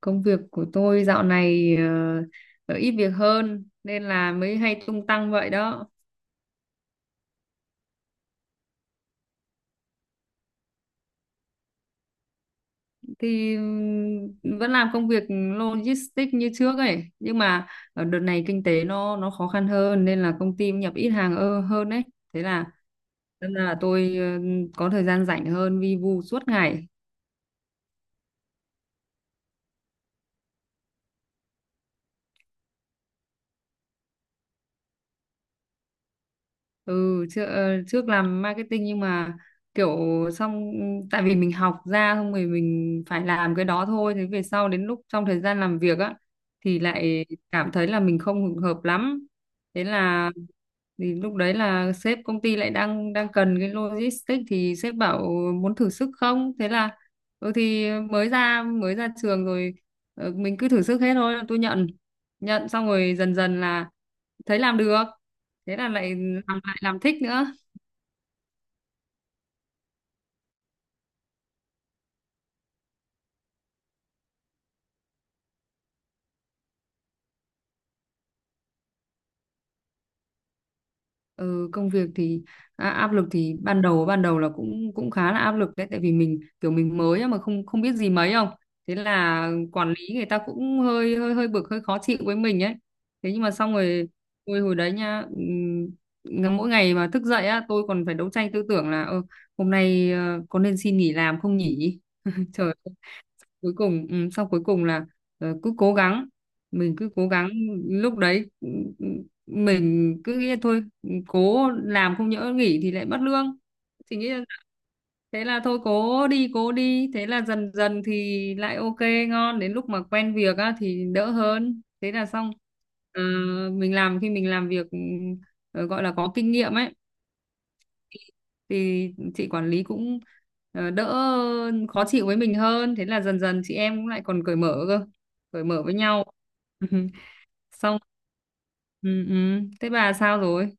Công việc của tôi dạo này ít việc hơn nên là mới hay tung tăng vậy đó. Thì vẫn làm công việc logistics như trước ấy, nhưng mà ở đợt này kinh tế nó khó khăn hơn nên là công ty nhập ít hàng hơn đấy. Thế là nên là tôi có thời gian rảnh hơn, vi vu suốt ngày. Ừ, trước làm marketing nhưng mà kiểu xong, tại vì mình học ra xong rồi mình phải làm cái đó thôi. Thế về sau, đến lúc trong thời gian làm việc á thì lại cảm thấy là mình không hợp lắm. Thế là thì lúc đấy là sếp công ty lại đang đang cần cái logistics, thì sếp bảo muốn thử sức không. Thế là, ừ, thì mới ra trường rồi, mình cứ thử sức hết thôi. Tôi nhận nhận xong rồi dần dần là thấy làm được, thế là lại làm, lại làm thích nữa. Ừ, công việc thì à, áp lực thì ban đầu là cũng cũng khá là áp lực đấy. Tại vì mình kiểu mình mới á mà không không biết gì mấy, không? Thế là quản lý người ta cũng hơi hơi hơi bực, hơi khó chịu với mình ấy. Thế nhưng mà xong rồi, hồi hồi đấy nha, mỗi ngày mà thức dậy á, tôi còn phải đấu tranh tư tưởng là "Ơ, hôm nay có nên xin nghỉ làm không nhỉ?" Trời. Cuối cùng, ừ, sau cuối cùng là cứ cố gắng, mình cứ cố gắng. Lúc đấy, ừ, ừ, mình cứ nghĩ là thôi, ừ, cố làm, không nhỡ nghỉ thì lại mất lương. Thì nghĩ là, thế là thôi cố đi cố đi, thế là dần dần thì lại ok, ngon. Đến lúc mà quen việc á thì đỡ hơn, thế là xong. Ờ, mình làm khi mình làm việc, ừ, gọi là có kinh nghiệm ấy, thì chị quản lý cũng đỡ khó chịu với mình hơn. Thế là dần dần chị em cũng lại còn cởi mở cơ, cởi mở với nhau. Xong, ừ, ừ. Thế bà sao rồi?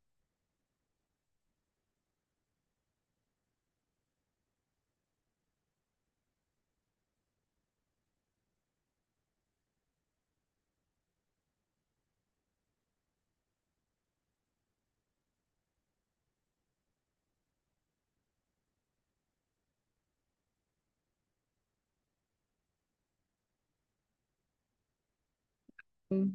Ừ.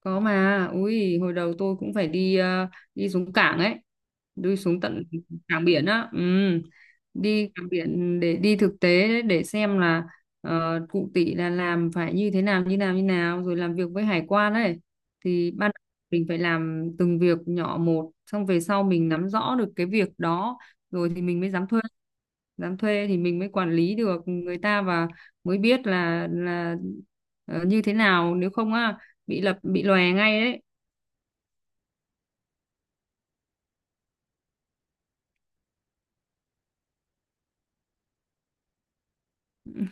Có mà, ui, hồi đầu tôi cũng phải đi đi xuống cảng ấy, đi xuống tận cảng biển á, ừ. Đi cảng biển để đi thực tế đấy, để xem là cụ tỷ là làm phải như thế nào, như nào như nào, rồi làm việc với hải quan ấy. Thì ban đầu mình phải làm từng việc nhỏ một, xong về sau mình nắm rõ được cái việc đó rồi thì mình mới dám thuê. Dám thuê thì mình mới quản lý được người ta và mới biết là như thế nào. Nếu không á bị lập bị lòe ngay đấy.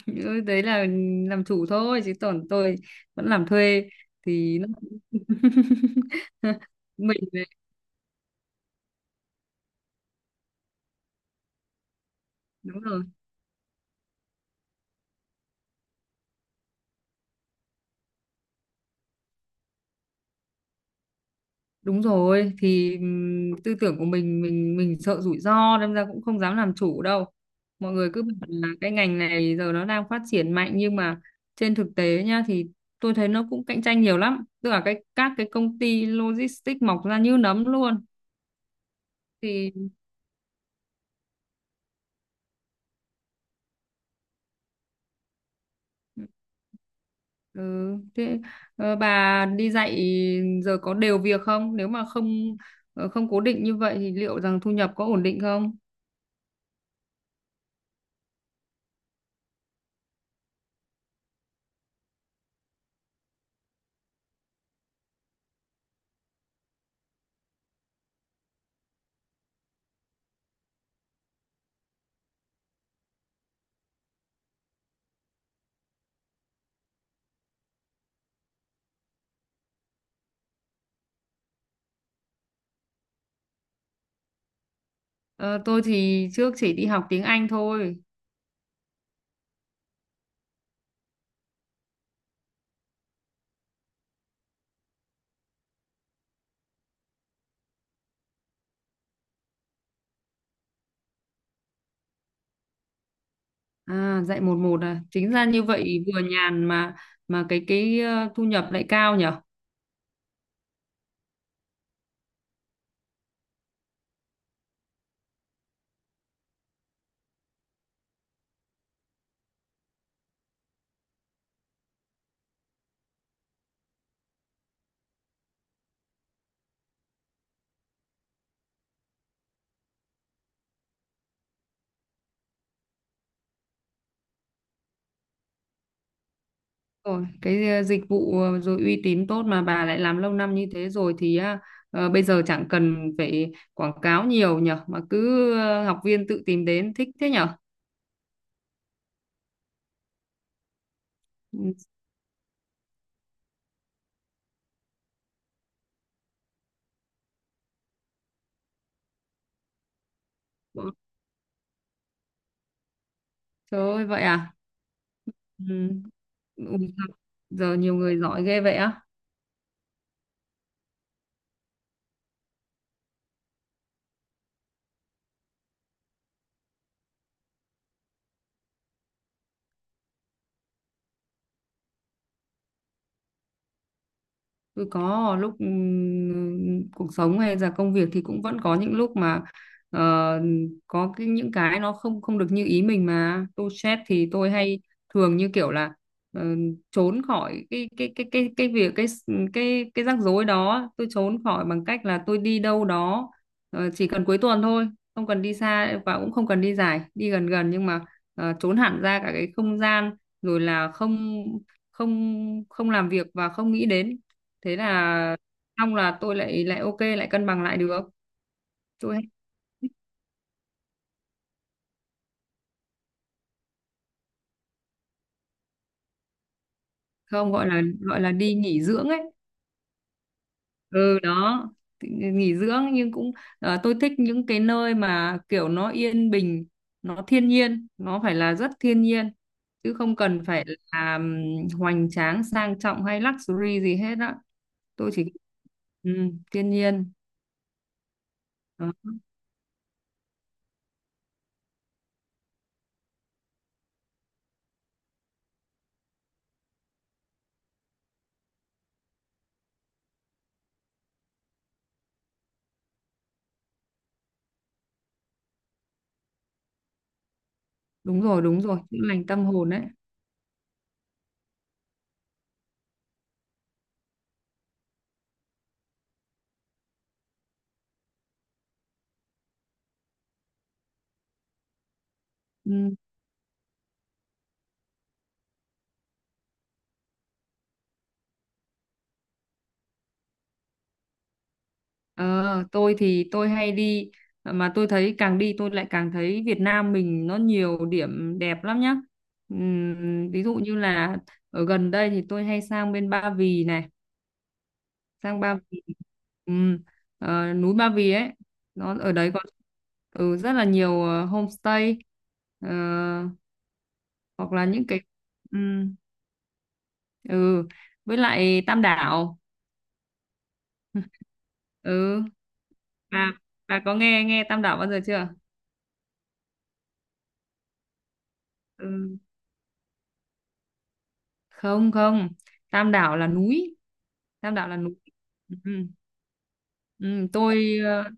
Ừ, đấy là làm chủ thôi, chứ còn tôi vẫn làm thuê thì nó mình đấy. Đúng rồi, đúng rồi, thì tư tưởng của mình sợ rủi ro nên ra cũng không dám làm chủ đâu. Mọi người cứ bảo là cái ngành này giờ nó đang phát triển mạnh, nhưng mà trên thực tế nha, thì tôi thấy nó cũng cạnh tranh nhiều lắm, tức là các cái công ty logistics mọc ra như nấm luôn. Thì ừ, thế bà đi dạy giờ có đều việc không? Nếu mà không cố định như vậy thì liệu rằng thu nhập có ổn định không? Ờ, tôi thì trước chỉ đi học tiếng Anh thôi. À, dạy một một à. Chính ra như vậy vừa nhàn, mà cái thu nhập lại cao nhở? Rồi, cái dịch vụ rồi uy tín tốt, mà bà lại làm lâu năm như thế rồi thì à, bây giờ chẳng cần phải quảng cáo nhiều nhở, mà cứ học viên tự tìm đến, thích thế nhở? Ừ, trời ơi, vậy à? Ừ. Ui, giờ nhiều người giỏi ghê vậy á. Tôi có lúc cuộc sống hay là công việc thì cũng vẫn có những lúc mà ờ, có cái, những cái nó không không được như ý mình mà tôi stress, thì tôi hay thường như kiểu là ờ, trốn khỏi cái việc, cái rắc rối đó. Tôi trốn khỏi bằng cách là tôi đi đâu đó, chỉ cần cuối tuần thôi, không cần đi xa và cũng không cần đi dài, đi gần gần nhưng mà trốn hẳn ra cả cái không gian, rồi là không không không làm việc và không nghĩ đến. Thế là xong, là tôi lại lại ok, lại cân bằng lại được. Tôi không gọi là đi nghỉ dưỡng ấy. Ừ đó. Thì nghỉ dưỡng nhưng cũng tôi thích những cái nơi mà kiểu nó yên bình, nó thiên nhiên, nó phải là rất thiên nhiên, chứ không cần phải là hoành tráng, sang trọng hay luxury gì hết á. Tôi chỉ, ừ, thiên nhiên. Đó. Đúng rồi, đúng rồi, chữa lành tâm hồn đấy, ừ. Ờ, tôi thì tôi hay đi, mà tôi thấy càng đi tôi lại càng thấy Việt Nam mình nó nhiều điểm đẹp lắm nhá. Ví dụ như là ở gần đây thì tôi hay sang bên Ba Vì này, sang Ba Vì, ừm, núi Ba Vì ấy, nó ở đấy có, ừ, rất là nhiều homestay, ờ, hoặc là những cái, ừm, ừ, với lại Tam Đảo. Ừ, bà bà có nghe nghe Tam Đảo bao giờ chưa? Ừ. Không, không, Tam Đảo là núi. Tam Đảo là núi, ừ. Ừ, tôi ờ,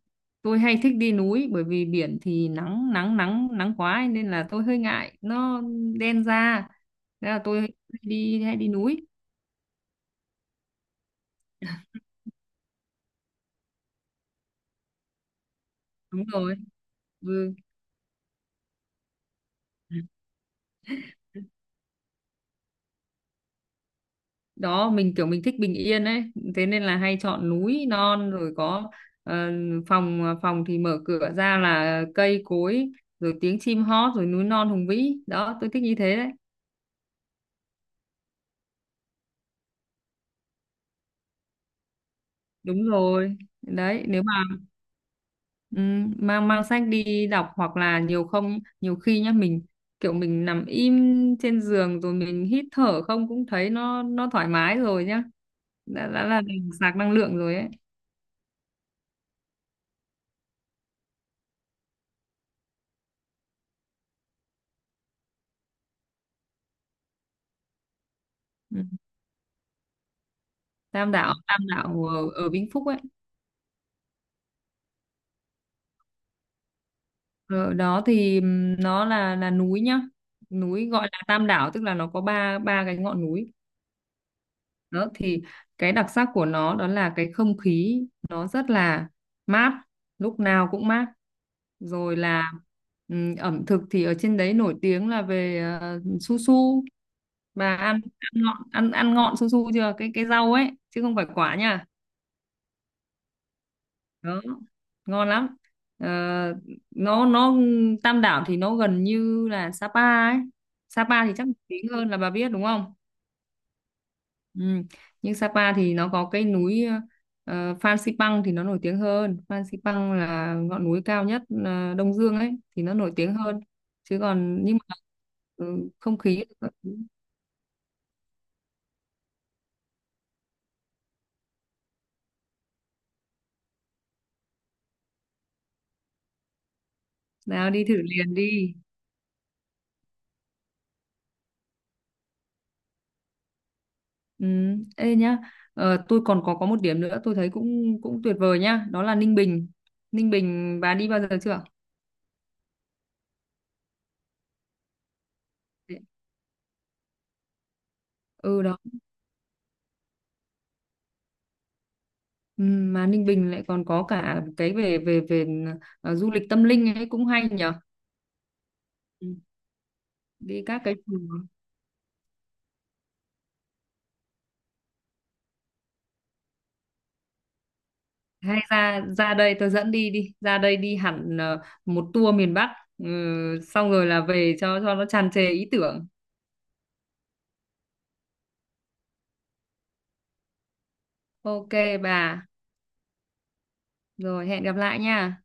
tôi hay thích đi núi, bởi vì biển thì nắng nắng nắng nắng quá ấy, nên là tôi hơi ngại nó đen da, thế là tôi hay đi núi. Đúng rồi, ừ. Đó, mình kiểu mình thích bình yên ấy, thế nên là hay chọn núi non rồi, có ờ, phòng thì mở cửa ra là cây cối, rồi tiếng chim hót, rồi núi non hùng vĩ đó, tôi thích như thế đấy. Đúng rồi đấy, nếu mà ừ, mang mang sách đi đọc, hoặc là nhiều không, nhiều khi nhá, mình kiểu mình nằm im trên giường rồi mình hít thở không, cũng thấy nó thoải mái rồi nhá. Đã là mình sạc năng lượng rồi ấy, ừ. Tam đảo ở Vĩnh Phúc ấy. Ở đó thì nó là núi nhá. Núi gọi là Tam đảo tức là nó có ba ba cái ngọn núi. Đó thì cái đặc sắc của nó đó là cái không khí, nó rất là mát, lúc nào cũng mát. Rồi là, ẩm thực thì ở trên đấy nổi tiếng là về, su su. Bà ăn ăn ngọn su su chưa? Cái rau ấy chứ không phải quả nha. Đó, ngon lắm. Ờ, nó Tam Đảo thì nó gần như là Sapa ấy. Sapa thì chắc nổi tiếng hơn, là bà biết đúng không? Ừ. Nhưng Sapa thì nó có cái núi, Phan Xipang thì nó nổi tiếng hơn. Phan Xipang là ngọn núi cao nhất, Đông Dương ấy, thì nó nổi tiếng hơn. Chứ còn nhưng mà, ừ, không khí, ừ, nào đi thử liền đi. Ừ, ê nhá, tôi còn có một điểm nữa, tôi thấy cũng cũng tuyệt vời nhá, đó là Ninh Bình. Ninh Bình bà đi bao giờ chưa? Ừ đó. Ừ, mà Ninh Bình lại còn có cả cái về về về du lịch tâm linh ấy, cũng hay nhở. Ừ, đi các cái chùa. Hay ra ra đây tôi dẫn đi đi, ra đây đi hẳn, một tour miền Bắc. Ừ, xong rồi là về, cho nó tràn trề ý tưởng. Ok bà, rồi hẹn gặp lại nha.